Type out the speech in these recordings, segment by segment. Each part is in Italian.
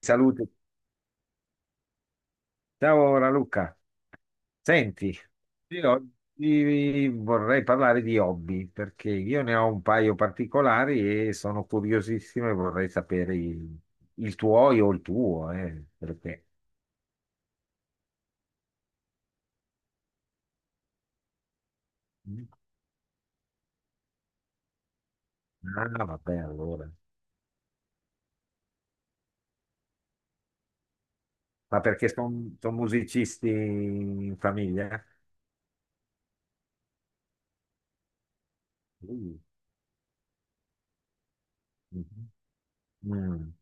Salute. Ciao Raluca. Senti, io oggi vorrei parlare di hobby perché io ne ho un paio particolari e sono curiosissimo e vorrei sapere il tuo o il tuo, perché... Ah, vabbè, allora. Ma perché sono musicisti in famiglia? Uh, mhm. Mm,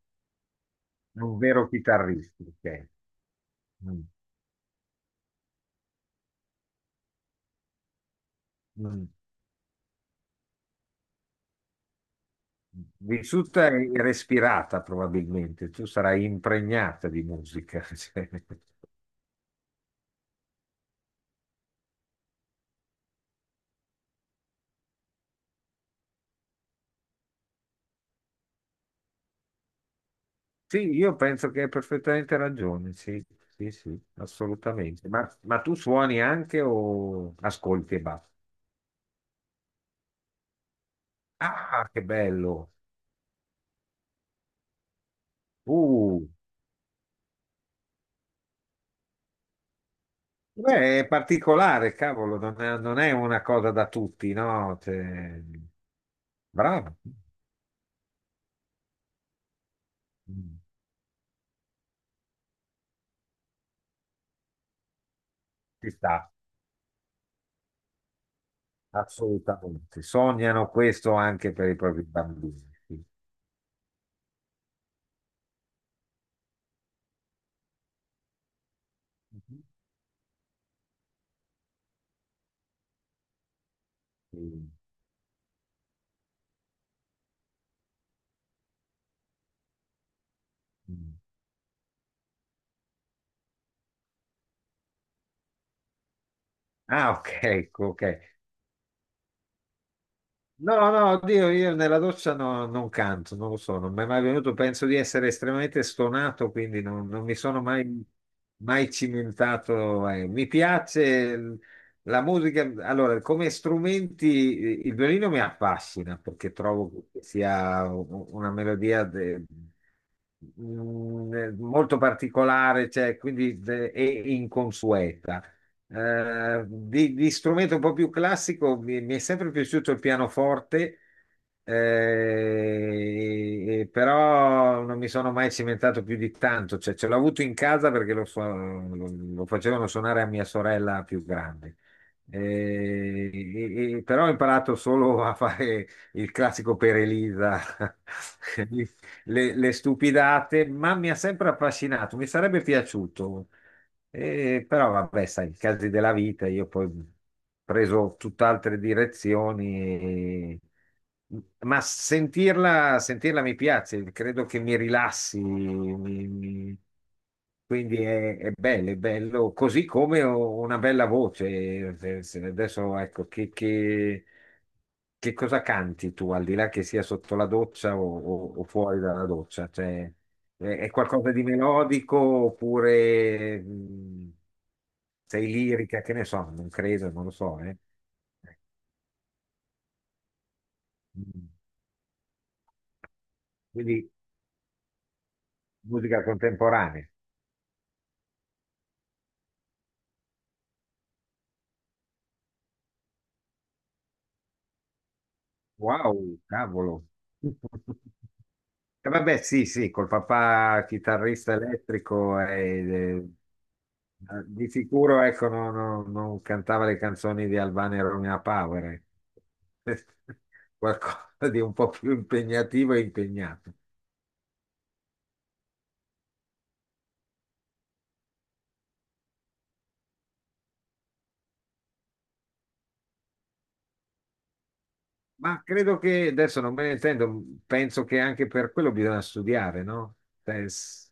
Un vero chitarrista, ok. Mm, mm. Vissuta e respirata probabilmente, tu sarai impregnata di musica. Cioè. Sì, io penso che hai perfettamente ragione, sì, sì, sì, assolutamente. Ma tu suoni anche o ascolti e basta? Ah, che bello! Uh, beh, è particolare, cavolo, non è una cosa da tutti, no? Cioè, bravo. Mm, Ci sta, assolutamente. Sognano questo anche per i propri bambini. Sì. Sì. Mm. Ah, ok, ecco, ok. No, no, oddio, io nella doccia non canto, non lo so, non mi è mai venuto, penso di essere estremamente stonato, quindi non mi sono mai, mai cimentato. Mi piace la musica, allora, come strumenti il violino mi affascina perché trovo che sia una melodia molto particolare, cioè, quindi e inconsueta. Di strumento un po' più classico mi è sempre piaciuto il pianoforte, però non mi sono mai cimentato più di tanto. Cioè, ce l'ho avuto in casa perché lo facevano suonare a mia sorella più grande. Però ho imparato solo a fare il classico per Elisa, le stupidate, ma mi ha sempre affascinato. Mi sarebbe piaciuto. E però vabbè, sai, i casi della vita, io poi ho preso tutt'altre direzioni, ma sentirla, sentirla mi piace, credo che mi rilassi, mi- quindi è bello, così come ho una bella voce. Adesso ecco, che cosa canti tu, al di là che sia sotto la doccia o, o fuori dalla doccia? Cioè, è qualcosa di melodico oppure sei lirica? Che ne so, non credo, non lo so. Mm. Quindi musica contemporanea. Wow, cavolo. Vabbè, sì, sì, col papà chitarrista elettrico e di sicuro ecco, non cantava le canzoni di Albano e Romina Power. Eh. Qualcosa di un po' più impegnativo e impegnato. Ma credo che adesso non me ne intendo, penso che anche per quello bisogna studiare, no? Cioè,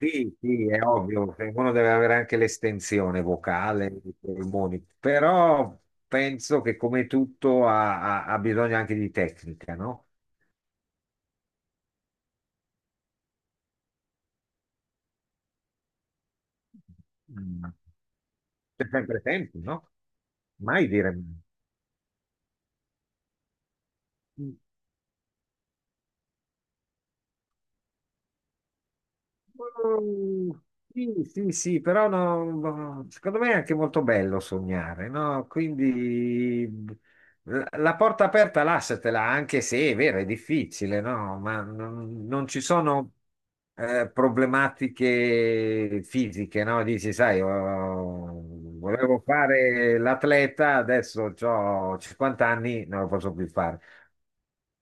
sì, sì, è ovvio, che uno deve avere anche l'estensione vocale, i polmoni, però penso che come tutto ha bisogno anche di tecnica, no? Mm. Sempre tempo, no? Mai dire mai. Mm, Sì, sì, sì, però no, no, secondo me è anche molto bello sognare, no? Quindi la porta aperta lasciatela, anche se è vero, è difficile, no? Ma non ci sono problematiche fisiche, no? Dici, sai, oh, volevo fare l'atleta, adesso ho 50 anni, non lo posso più fare.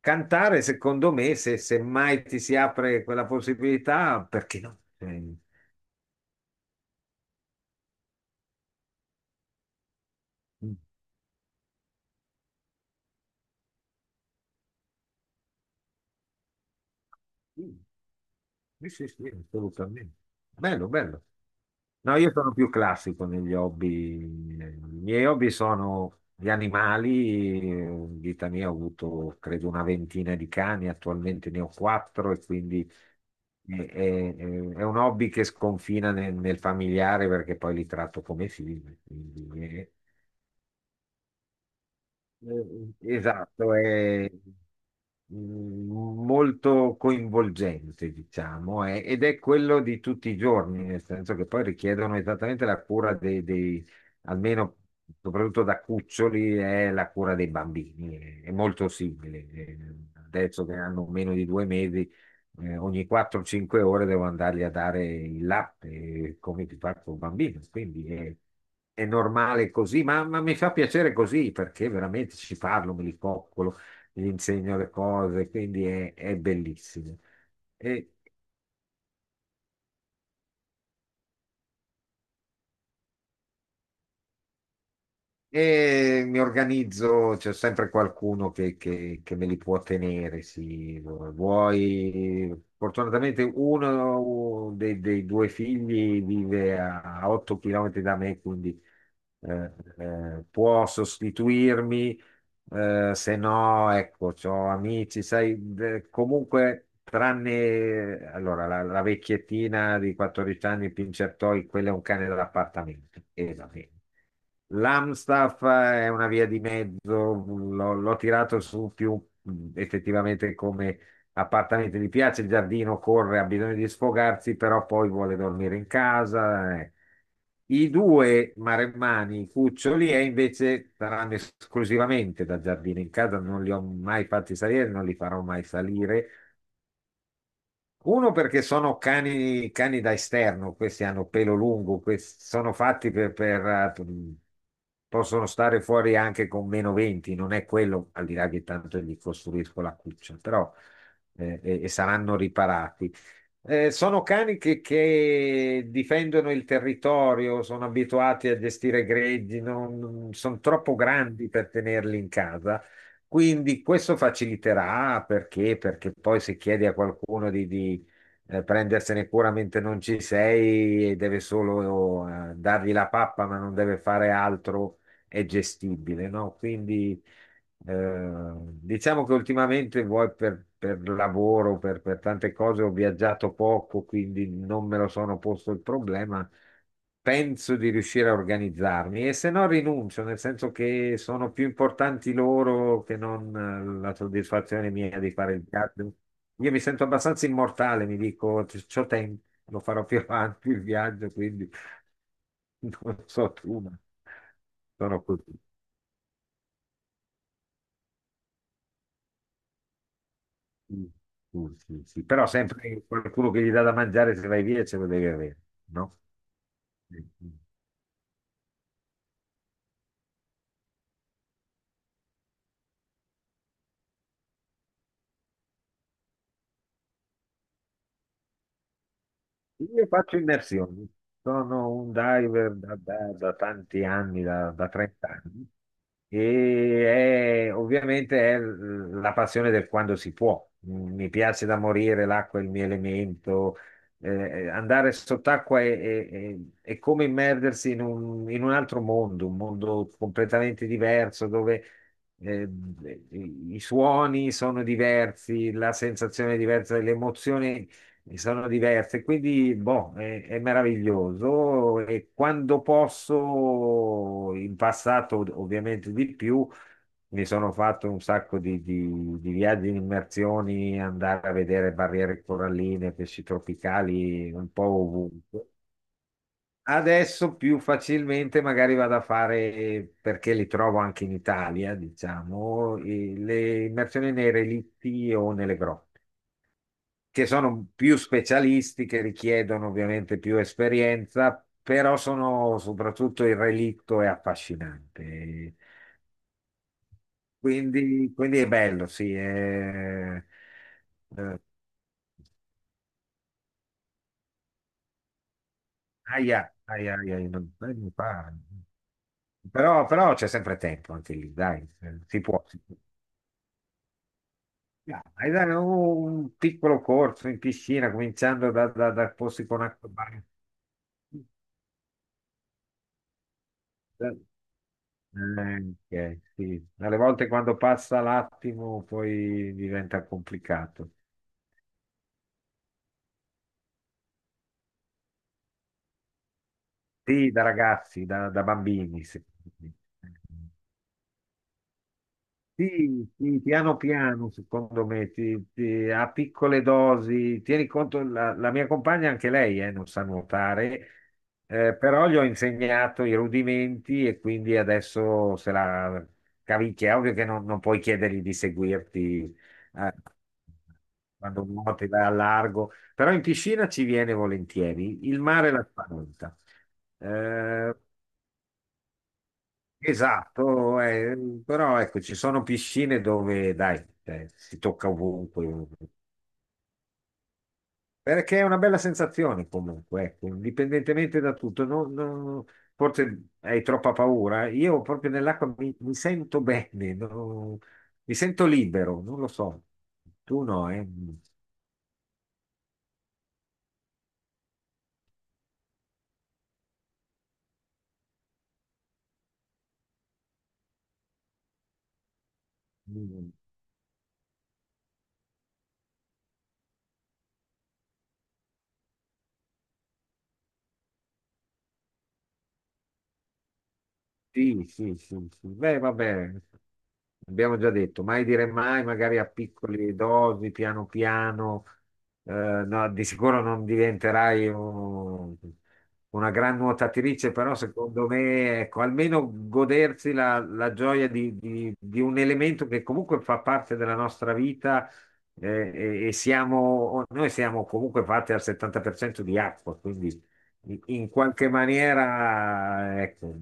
Cantare, secondo me, se mai ti si apre quella possibilità, perché no? Sì, sì, sì, sì, assolutamente. Bello, bello. No, io sono più classico negli hobby. I miei hobby sono gli animali. In vita mia ho avuto, credo, una ventina di cani, attualmente ne ho quattro e quindi è, è un hobby che sconfina nel familiare perché poi li tratto come figli. Quindi esatto, è mm, molto coinvolgente, diciamo, ed è quello di tutti i giorni, nel senso che poi richiedono esattamente la cura almeno soprattutto da cuccioli, è la cura dei bambini, è molto simile. Adesso che hanno meno di due mesi ogni 4-5 ore devo andargli a dare il latte, come ti faccio un bambino. Quindi è normale così, ma mi fa piacere così perché veramente ci parlo, me li coccolo, gli insegno le cose, quindi è bellissimo. E E mi organizzo, c'è sempre qualcuno che me li può tenere, sì. Vuoi, fortunatamente uno dei due figli vive a 8 km da me, quindi può sostituirmi se no, ecco, c'ho amici, sai, comunque, tranne allora, la vecchiettina di 14 anni, Pincertoi, quello è un cane dell'appartamento. E va bene. L'Amstaff è una via di mezzo, l'ho tirato su più effettivamente come appartamento, gli piace il giardino, corre, ha bisogno di sfogarsi, però poi vuole dormire in casa. I due maremmani, cuccioli, e invece saranno esclusivamente da giardino in casa, non li ho mai fatti salire, non li farò mai salire uno perché sono cani, cani da esterno, questi hanno pelo lungo, questi sono fatti possono stare fuori anche con meno 20, non è quello, al di là che tanto gli costruisco la cuccia, però e saranno riparati. Sono cani che difendono il territorio, sono abituati a gestire greggi, non, sono troppo grandi per tenerli in casa, quindi questo faciliterà perché? Perché poi se chiedi a qualcuno di prendersene cura mentre non ci sei e deve solo dargli la pappa ma non deve fare altro, è gestibile, no? Quindi eh, diciamo che ultimamente vuoi per lavoro, per tante cose ho viaggiato poco, quindi non me lo sono posto il problema. Penso di riuscire a organizzarmi e se no rinuncio, nel senso che sono più importanti loro che non la soddisfazione mia di fare il viaggio. Io mi sento abbastanza immortale, mi dico, C'ho tempo, lo farò più avanti il viaggio, quindi non so tu, ma sono così. Sì, sì, sì, sì. Però sempre qualcuno che gli dà da mangiare se vai via ce lo devi avere, no? Sì. Io faccio immersioni, sono un diver da tanti anni, da 30 anni, e ovviamente è la passione del quando si può. Mi piace da morire, l'acqua è il mio elemento, eh, andare sott'acqua è, è come immergersi in un altro mondo, un mondo completamente diverso dove... eh, i suoni sono diversi, la sensazione è diversa, le emozioni e sono diverse, quindi boh, è meraviglioso e quando posso, in passato ovviamente di più, mi sono fatto un sacco di viaggi in immersioni, andare a vedere barriere coralline, pesci tropicali, un po' ovunque. Adesso più facilmente magari vado a fare, perché li trovo anche in Italia, diciamo, le immersioni nei relitti o nelle grotte che sono più specialisti, che richiedono ovviamente più esperienza, però sono soprattutto il relitto è affascinante. Quindi, quindi è bello, sì. È... eh, aia, aia, aia, non mi fa. Però, però c'è sempre tempo anche lì, dai, si può. Si può. Dai, dai, un piccolo corso in piscina, cominciando da posti con acqua bagna. Ok, sì. Alle volte quando passa l'attimo poi diventa complicato. Sì, da ragazzi, da bambini. Sì. Sì, sì, piano piano, secondo me, a piccole dosi. Tieni conto, la mia compagna, anche lei, non sa nuotare, però gli ho insegnato i rudimenti e quindi adesso se la cavicchia. È ovvio che non puoi chiedergli di seguirti, eh, quando nuoti, vai al largo, però in piscina ci viene volentieri. Il mare la spaventa. Eh, Esatto, però ecco, ci sono piscine dove, dai, si tocca ovunque, perché è una bella sensazione comunque, ecco, indipendentemente da tutto. Forse hai troppa paura, io proprio nell'acqua mi sento bene, no? Mi sento libero, non lo so. Tu no, eh? Sì, sì, sì, sì. Beh, vabbè, abbiamo già detto, mai dire mai, magari a piccole dosi, piano piano, no, di sicuro non diventerai una gran nuotatrice, però secondo me, ecco, almeno godersi la gioia di, di un elemento che comunque fa parte della nostra vita, e siamo, noi siamo comunque fatti al 70% di acqua, quindi in qualche maniera, ecco,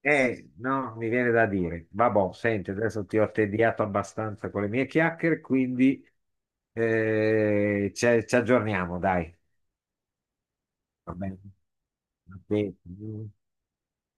no, mi viene da dire. Vabbè, senti, adesso ti ho tediato abbastanza con le mie chiacchiere, quindi ci aggiorniamo, dai. Va bene. Va bene.